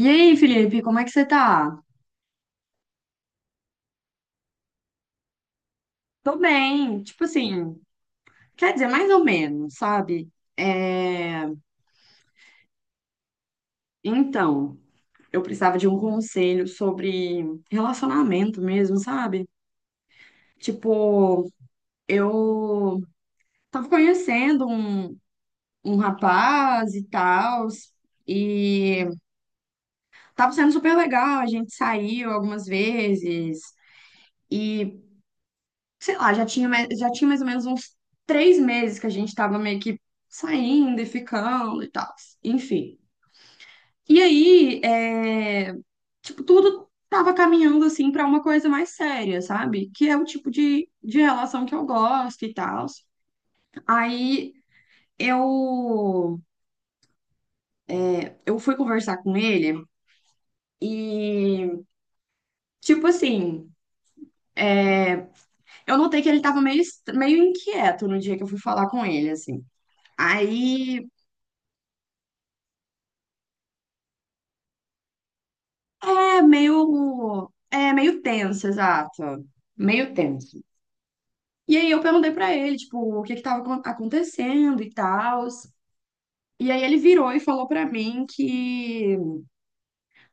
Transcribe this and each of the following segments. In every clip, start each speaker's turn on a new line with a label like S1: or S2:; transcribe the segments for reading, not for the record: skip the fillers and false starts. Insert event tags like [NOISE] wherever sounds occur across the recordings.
S1: E aí, Felipe, como é que você tá? Tô bem, tipo assim, quer dizer, mais ou menos, sabe? É, Então, eu precisava de um conselho sobre relacionamento mesmo, sabe? Tipo, eu tava conhecendo um rapaz e tal, e tava sendo super legal, a gente saiu algumas vezes. E sei lá, já tinha, já tinha mais ou menos uns 3 meses que a gente tava meio que saindo e ficando e tal. Enfim. E aí, tipo, tudo tava caminhando assim pra uma coisa mais séria, sabe? Que é o tipo de relação que eu gosto e tal. Aí eu, eu fui conversar com ele e, tipo assim, eu notei que ele tava meio, meio inquieto no dia que eu fui falar com ele, assim. Aí é meio, é meio tenso, exato. Meio tenso. E aí eu perguntei pra ele, tipo, o que que tava acontecendo e tal. E aí ele virou e falou pra mim que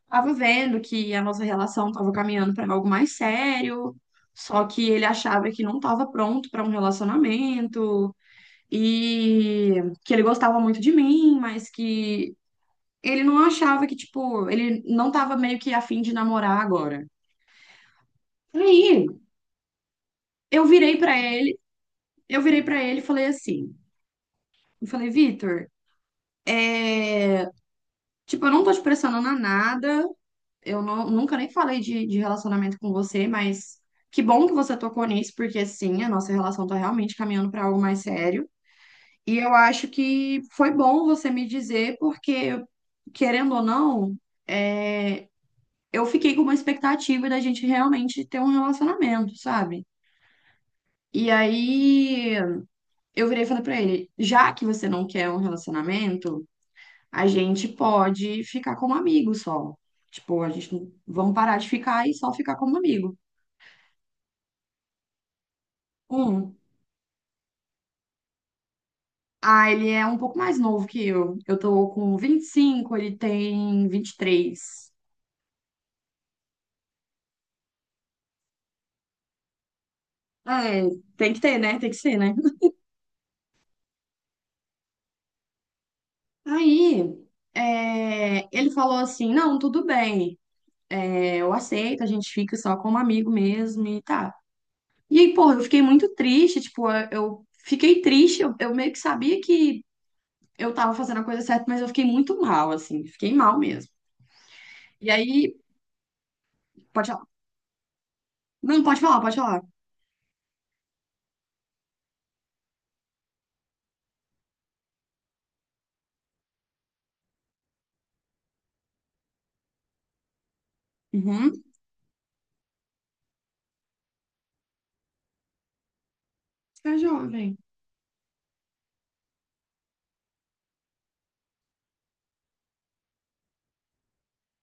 S1: tava vendo que a nossa relação tava caminhando pra algo mais sério, só que ele achava que não tava pronto pra um relacionamento e que ele gostava muito de mim, mas que ele não achava que, tipo, ele não tava meio que afim de namorar agora. E aí, eu virei pra ele eu virei pra ele e falei assim, eu falei, Vitor, tipo, eu não tô te pressionando a nada, eu não- nunca nem falei de relacionamento com você, mas que bom que você tocou nisso, porque sim, a nossa relação tá realmente caminhando pra algo mais sério. E eu acho que foi bom você me dizer, porque, querendo ou não, é, eu fiquei com uma expectativa da gente realmente ter um relacionamento, sabe? E aí eu virei e falei pra ele, já que você não quer um relacionamento, a gente pode ficar como amigo só. Tipo, a gente não- vamos parar de ficar e só ficar como amigo. Um. Ah, ele é um pouco mais novo que eu. Eu tô com 25, ele tem 23. É, tem que ter, né? Tem que ser, né? Aí, é, ele falou assim: não, tudo bem, é, eu aceito, a gente fica só como amigo mesmo e tá. E aí, porra, eu fiquei muito triste, tipo, eu fiquei triste, eu meio que sabia que eu tava fazendo a coisa certa, mas eu fiquei muito mal, assim, fiquei mal mesmo. E aí, pode falar. Não, pode falar, pode falar. Uhum. Você é jovem.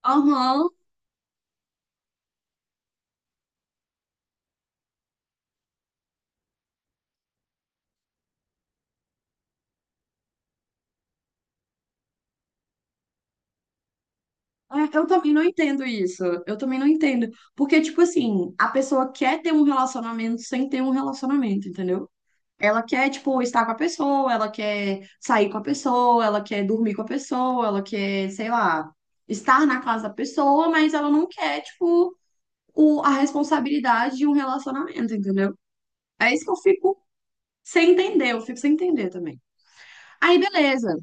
S1: Aham. É, eu também não entendo isso. Eu também não entendo. Porque, tipo assim, a pessoa quer ter um relacionamento sem ter um relacionamento, entendeu? Ela quer, tipo, estar com a pessoa, ela quer sair com a pessoa, ela quer dormir com a pessoa, ela quer, sei lá, estar na casa da pessoa, mas ela não quer, tipo, a responsabilidade de um relacionamento, entendeu? É isso que eu fico sem entender, eu fico sem entender também. Aí, beleza.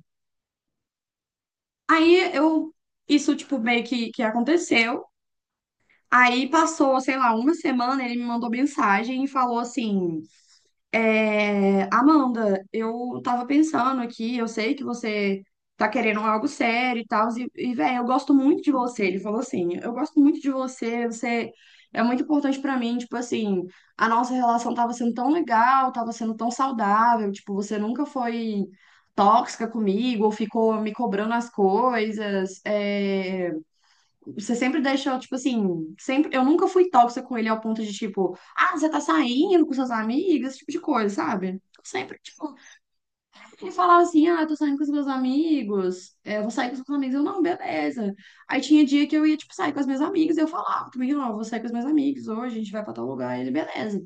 S1: Aí eu. Isso, tipo, meio que aconteceu. Aí passou, sei lá, uma semana, ele me mandou mensagem e falou assim. É, Amanda, eu tava pensando aqui, eu sei que você tá querendo algo sério e tal, e velho, eu gosto muito de você. Ele falou assim: eu gosto muito de você, você é muito importante pra mim. Tipo assim, a nossa relação tava sendo tão legal, tava sendo tão saudável. Tipo, você nunca foi tóxica comigo, ou ficou me cobrando as coisas. É, você sempre deixou, tipo assim, sempre, eu nunca fui tóxica com ele ao ponto de, tipo, ah, você tá saindo com seus amigos, esse tipo de coisa, sabe? Sempre, tipo, ele falava assim, ah, tô saindo com os meus amigos, é, vou sair com os meus amigos, eu, não, beleza. Aí tinha dia que eu ia, tipo, sair com as minhas amigas, eu falava também, ó, vou sair com os meus amigos, hoje a gente vai pra tal lugar, ele, beleza.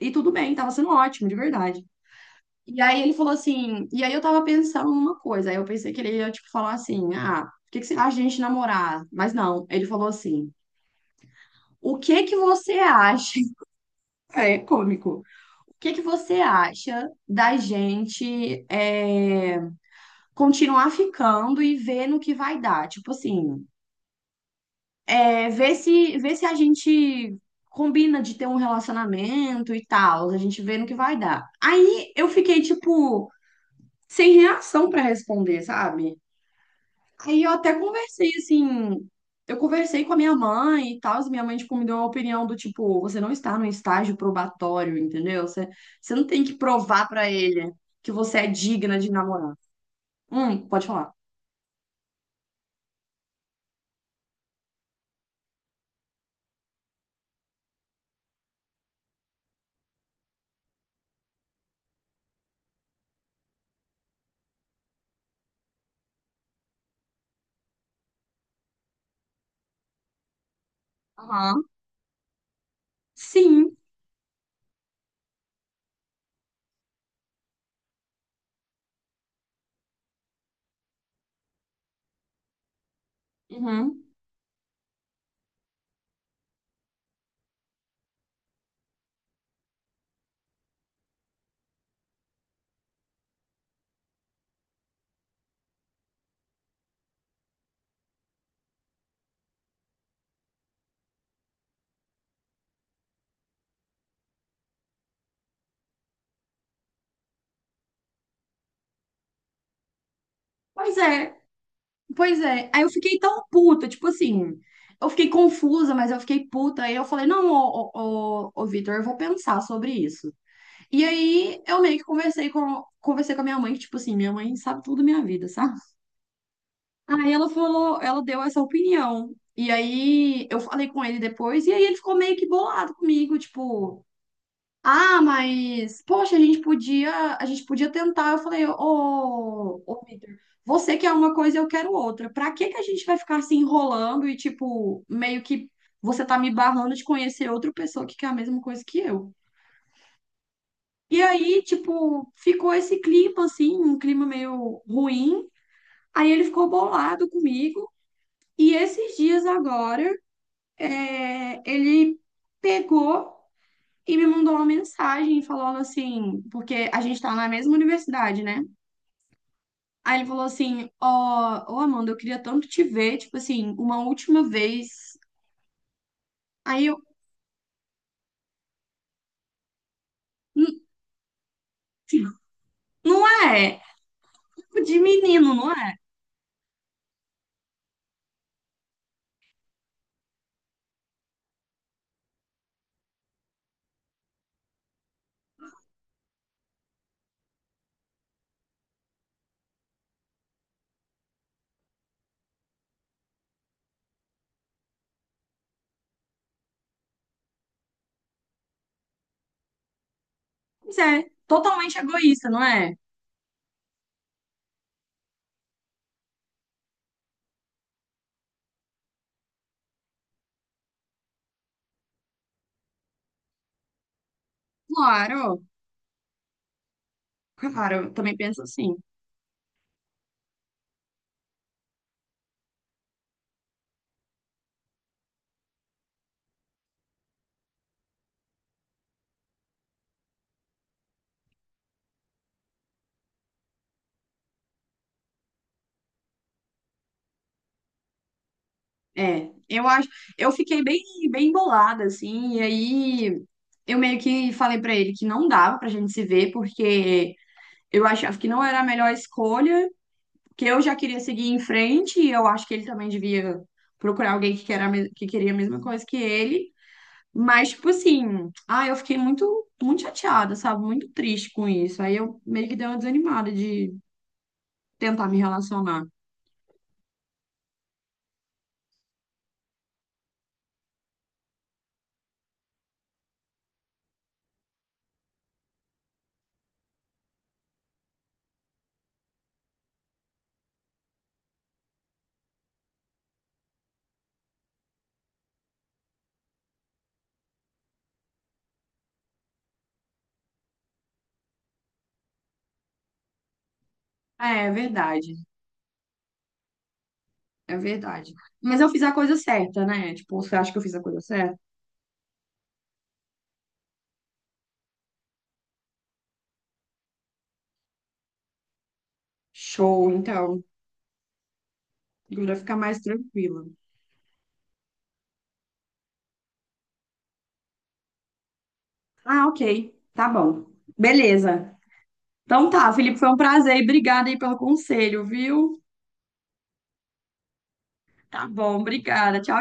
S1: E tudo bem, tava sendo ótimo, de verdade. E aí ele falou assim, e aí eu tava pensando numa coisa, aí eu pensei que ele ia, tipo, falar assim, ah, o que que você acha de a gente namorar? Mas não, ele falou assim, o que que você acha? [LAUGHS] É cômico. O que que você acha da gente é, continuar ficando e ver no que vai dar? Tipo assim, é, ver se a gente combina de ter um relacionamento e tal, a gente vê no que vai dar. Aí eu fiquei, tipo, sem reação pra responder, sabe? Aí eu até conversei assim, eu conversei com a minha mãe e tal, e minha mãe tipo, me deu uma opinião do tipo, você não está num estágio probatório, entendeu? Você não tem que provar pra ele que você é digna de namorar. Pode falar. Aham. Sim. Uhum. Pois é, pois é. Aí eu fiquei tão puta, tipo assim, eu fiquei confusa, mas eu fiquei puta. Aí eu falei, não, ô, ô, ô, ô Vitor, eu vou pensar sobre isso. E aí eu meio que conversei conversei com a minha mãe, que, tipo assim, minha mãe sabe tudo da minha vida, sabe? Aí ela falou, ela deu essa opinião. E aí eu falei com ele depois, e aí ele ficou meio que bolado comigo, tipo, ah, mas poxa, a gente podia tentar. Eu falei, ô, ô, Vitor, você quer uma coisa, eu quero outra. Pra que que a gente vai ficar se enrolando e, tipo, meio que você tá me barrando de conhecer outra pessoa que quer a mesma coisa que eu? E aí, tipo, ficou esse clima, assim, um clima meio ruim. Aí ele ficou bolado comigo. E esses dias agora, é, ele pegou e me mandou uma mensagem falando assim, porque a gente tá na mesma universidade, né? Aí ele falou assim, ó, ô Amanda, eu queria tanto te ver, tipo assim, uma última vez. Aí eu, "Hum, não é? Tipo de menino, não é? Pois é, totalmente egoísta, não é? Claro, claro, eu também penso assim. É, eu acho, eu fiquei bem, bem bolada, assim, e aí eu meio que falei pra ele que não dava pra gente se ver, porque eu achava que não era a melhor escolha, que eu já queria seguir em frente, e eu acho que ele também devia procurar alguém que, queira, que queria a mesma coisa que ele, mas, tipo assim, ah, eu fiquei muito, muito chateada, sabe, muito triste com isso, aí eu meio que dei uma desanimada de tentar me relacionar. É, é verdade. É verdade. Mas eu fiz a coisa certa, né? Tipo, você acha que eu fiz a coisa certa? Show, então. Agora ficar mais tranquila. Ah, ok. Tá bom. Beleza. Então tá, Felipe, foi um prazer e obrigada aí pelo conselho, viu? Tá bom, obrigada. Tchau.